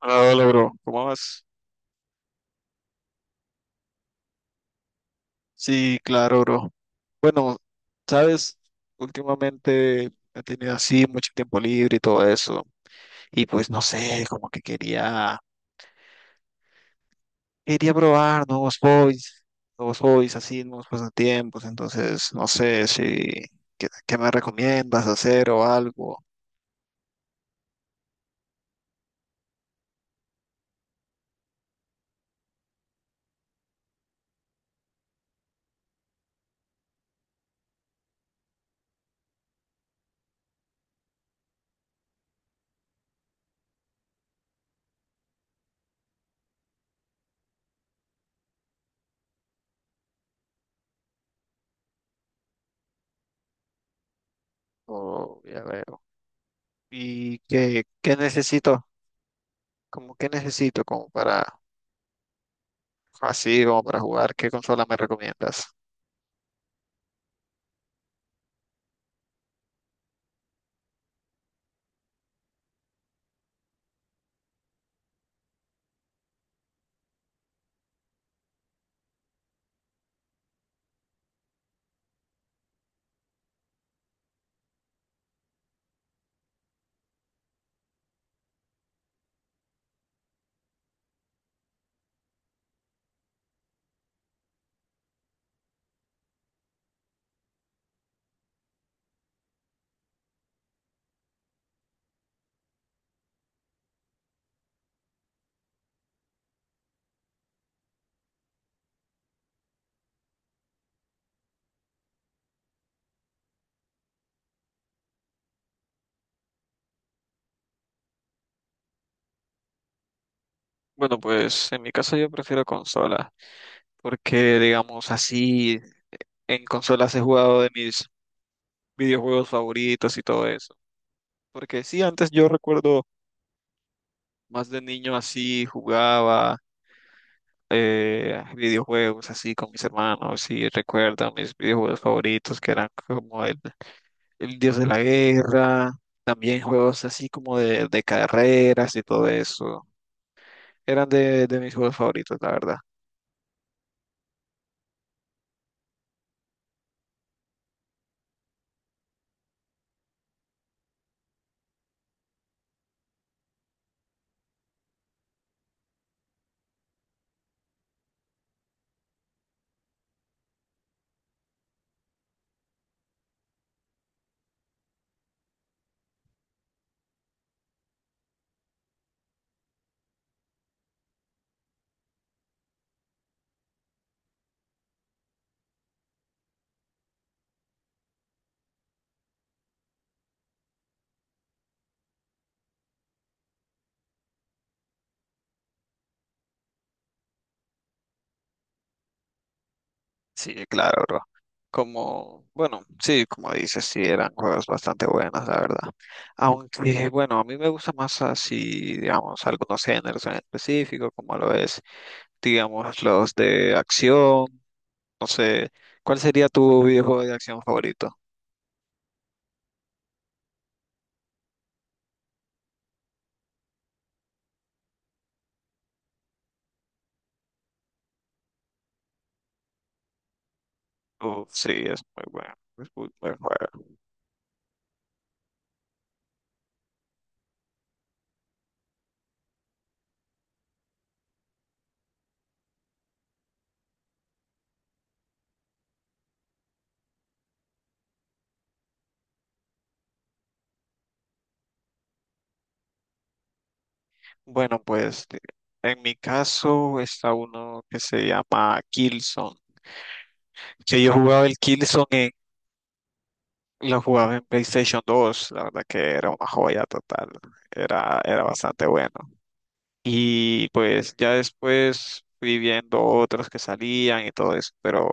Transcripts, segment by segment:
Hola, hola, bro. ¿Cómo vas? Sí, claro, bro. Bueno, sabes, últimamente he tenido así mucho tiempo libre y todo eso. Y pues no sé, como que quería probar nuevos hobbies así, nuevos pasatiempos. Entonces, no sé si, ¿qué me recomiendas hacer o algo? O ya veo. ¿Y qué necesito? ¿Como qué necesito como para, así, como para jugar? ¿Qué consola me recomiendas? Bueno, pues en mi caso yo prefiero consolas, porque digamos así, en consolas he jugado de mis videojuegos favoritos y todo eso. Porque sí, antes yo recuerdo más de niño así, jugaba videojuegos así con mis hermanos y recuerdo mis videojuegos favoritos que eran como el Dios de la Guerra, también juegos así como de carreras y todo eso. Eran de mis juegos favoritos, la verdad. Sí, claro, bro. Como, bueno, sí, como dices, sí, eran juegos bastante buenos, la verdad. Aunque, bueno, a mí me gusta más así, digamos, algunos géneros en específico, como lo es, digamos, los de acción. No sé, ¿cuál sería tu videojuego de acción favorito? Uf, sí, es muy bueno, es muy buen juego. Bueno, en mi caso está uno que se llama Killzone, que yo jugaba el Killzone. Lo jugaba en PlayStation 2, la verdad que era una joya total, era bastante bueno. Y pues ya después fui viendo otros que salían y todo eso, pero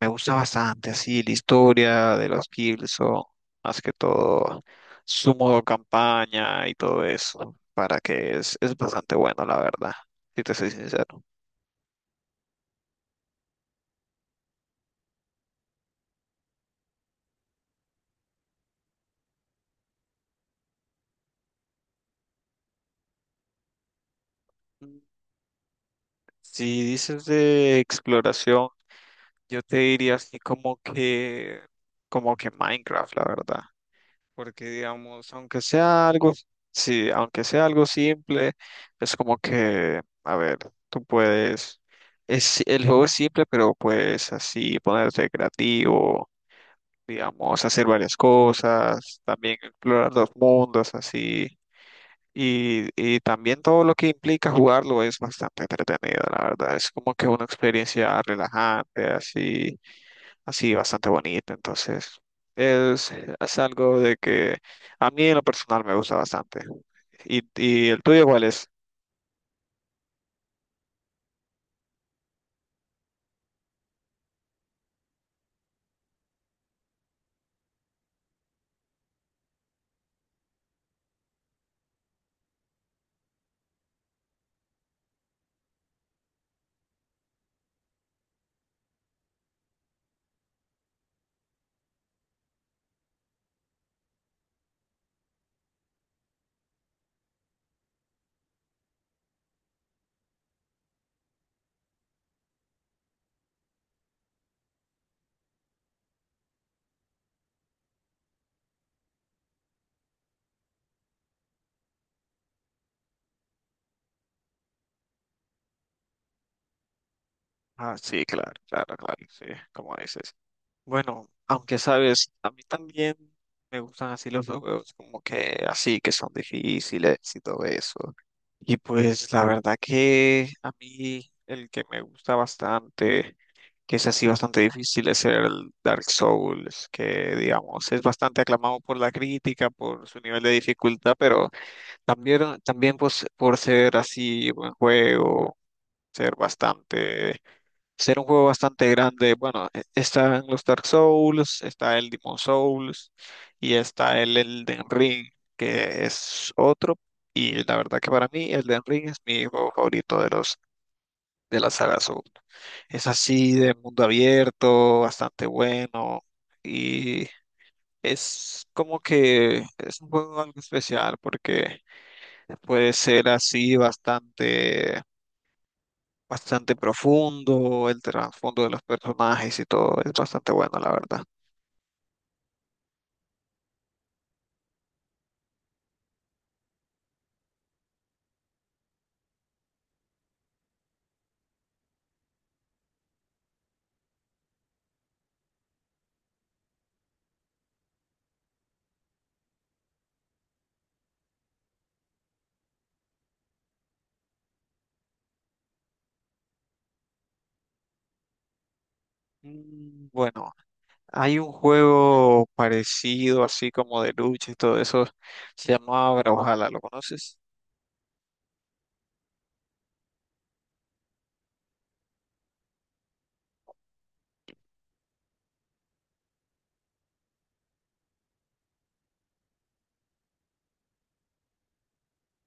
me gusta bastante así la historia de los Killzone, más que todo su modo campaña y todo eso, para que es bastante bueno, la verdad, si te soy sincero. Mm, si dices de exploración, yo te diría así como que Minecraft, la verdad. Porque digamos, aunque sea algo, sí, aunque sea algo simple, es como que, a ver, tú puedes, es, el juego es simple, pero puedes así ponerte creativo, digamos, hacer varias cosas, también explorar los mundos, así. Y también todo lo que implica jugarlo es bastante entretenido, la verdad. Es como que una experiencia relajante, así así bastante bonito. Entonces, es, es algo de que a mí en lo personal me gusta bastante. Y el tuyo cuál es? Ah, sí, claro, claro, claro, sí, como dices. Bueno, aunque sabes, a mí también me gustan así los juegos, como que así, que son difíciles y todo eso. Y pues la verdad que a mí el que me gusta bastante que es así bastante difícil, es el Dark Souls, que digamos es bastante aclamado por la crítica, por su nivel de dificultad, pero también, también pues, por ser así buen juego, ser bastante, ser un juego bastante grande. Bueno, están los Dark Souls, está el Demon Souls y está el Elden Ring, que es otro. Y la verdad que para mí Elden Ring es mi juego favorito de los de la saga Soul. Es así de mundo abierto, bastante bueno y es como que es un juego algo especial porque puede ser así bastante bastante profundo, el trasfondo de los personajes y todo, es bastante bueno la verdad. Mm, bueno, hay un juego parecido así como de lucha y todo eso, se llama Brawlhalla, ¿lo conoces?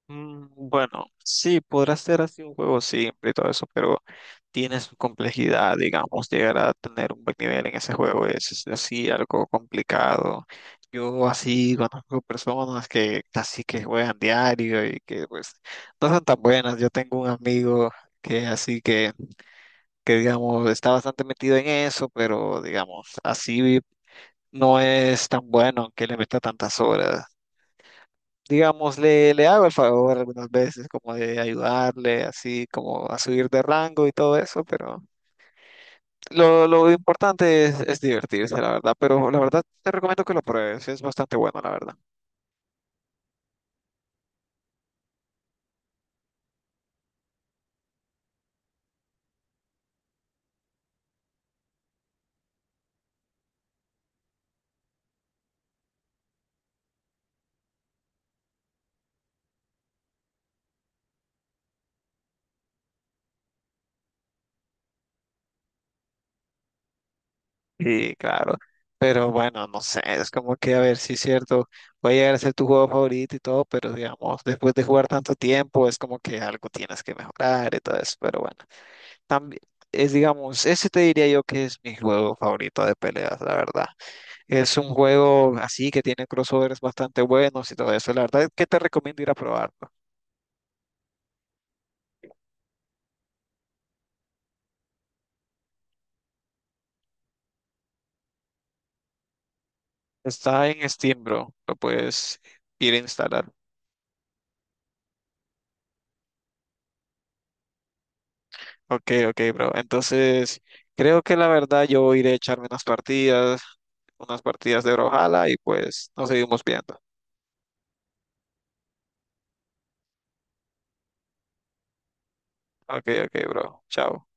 Mm, bueno, sí, podrá ser así un juego simple y todo eso, pero tiene su complejidad, digamos, llegar a tener un buen nivel en ese juego es así algo complicado. Yo así conozco personas que así que juegan diario y que pues no son tan buenas. Yo tengo un amigo que así que digamos está bastante metido en eso, pero digamos así no es tan bueno que le meta tantas horas. Digamos, le hago el favor algunas veces como de ayudarle así como a subir de rango y todo eso, pero lo importante es divertirse, la verdad, pero la verdad te recomiendo que lo pruebes, es bastante bueno, la verdad. Sí, claro, pero bueno, no sé, es como que a ver si es cierto, puede llegar a ser tu juego favorito y todo, pero digamos, después de jugar tanto tiempo, es como que algo tienes que mejorar y todo eso, pero bueno, también es, digamos, ese te diría yo que es mi juego favorito de peleas, la verdad. Es un juego así que tiene crossovers bastante buenos y todo eso. La verdad es que te recomiendo ir a probarlo. Está en Steam, bro. Lo puedes ir a instalar. Ok, ok, bro. Entonces, creo que la verdad yo iré a echarme unas partidas de Brawlhalla y pues nos seguimos viendo. Ok, ok, bro. Chao.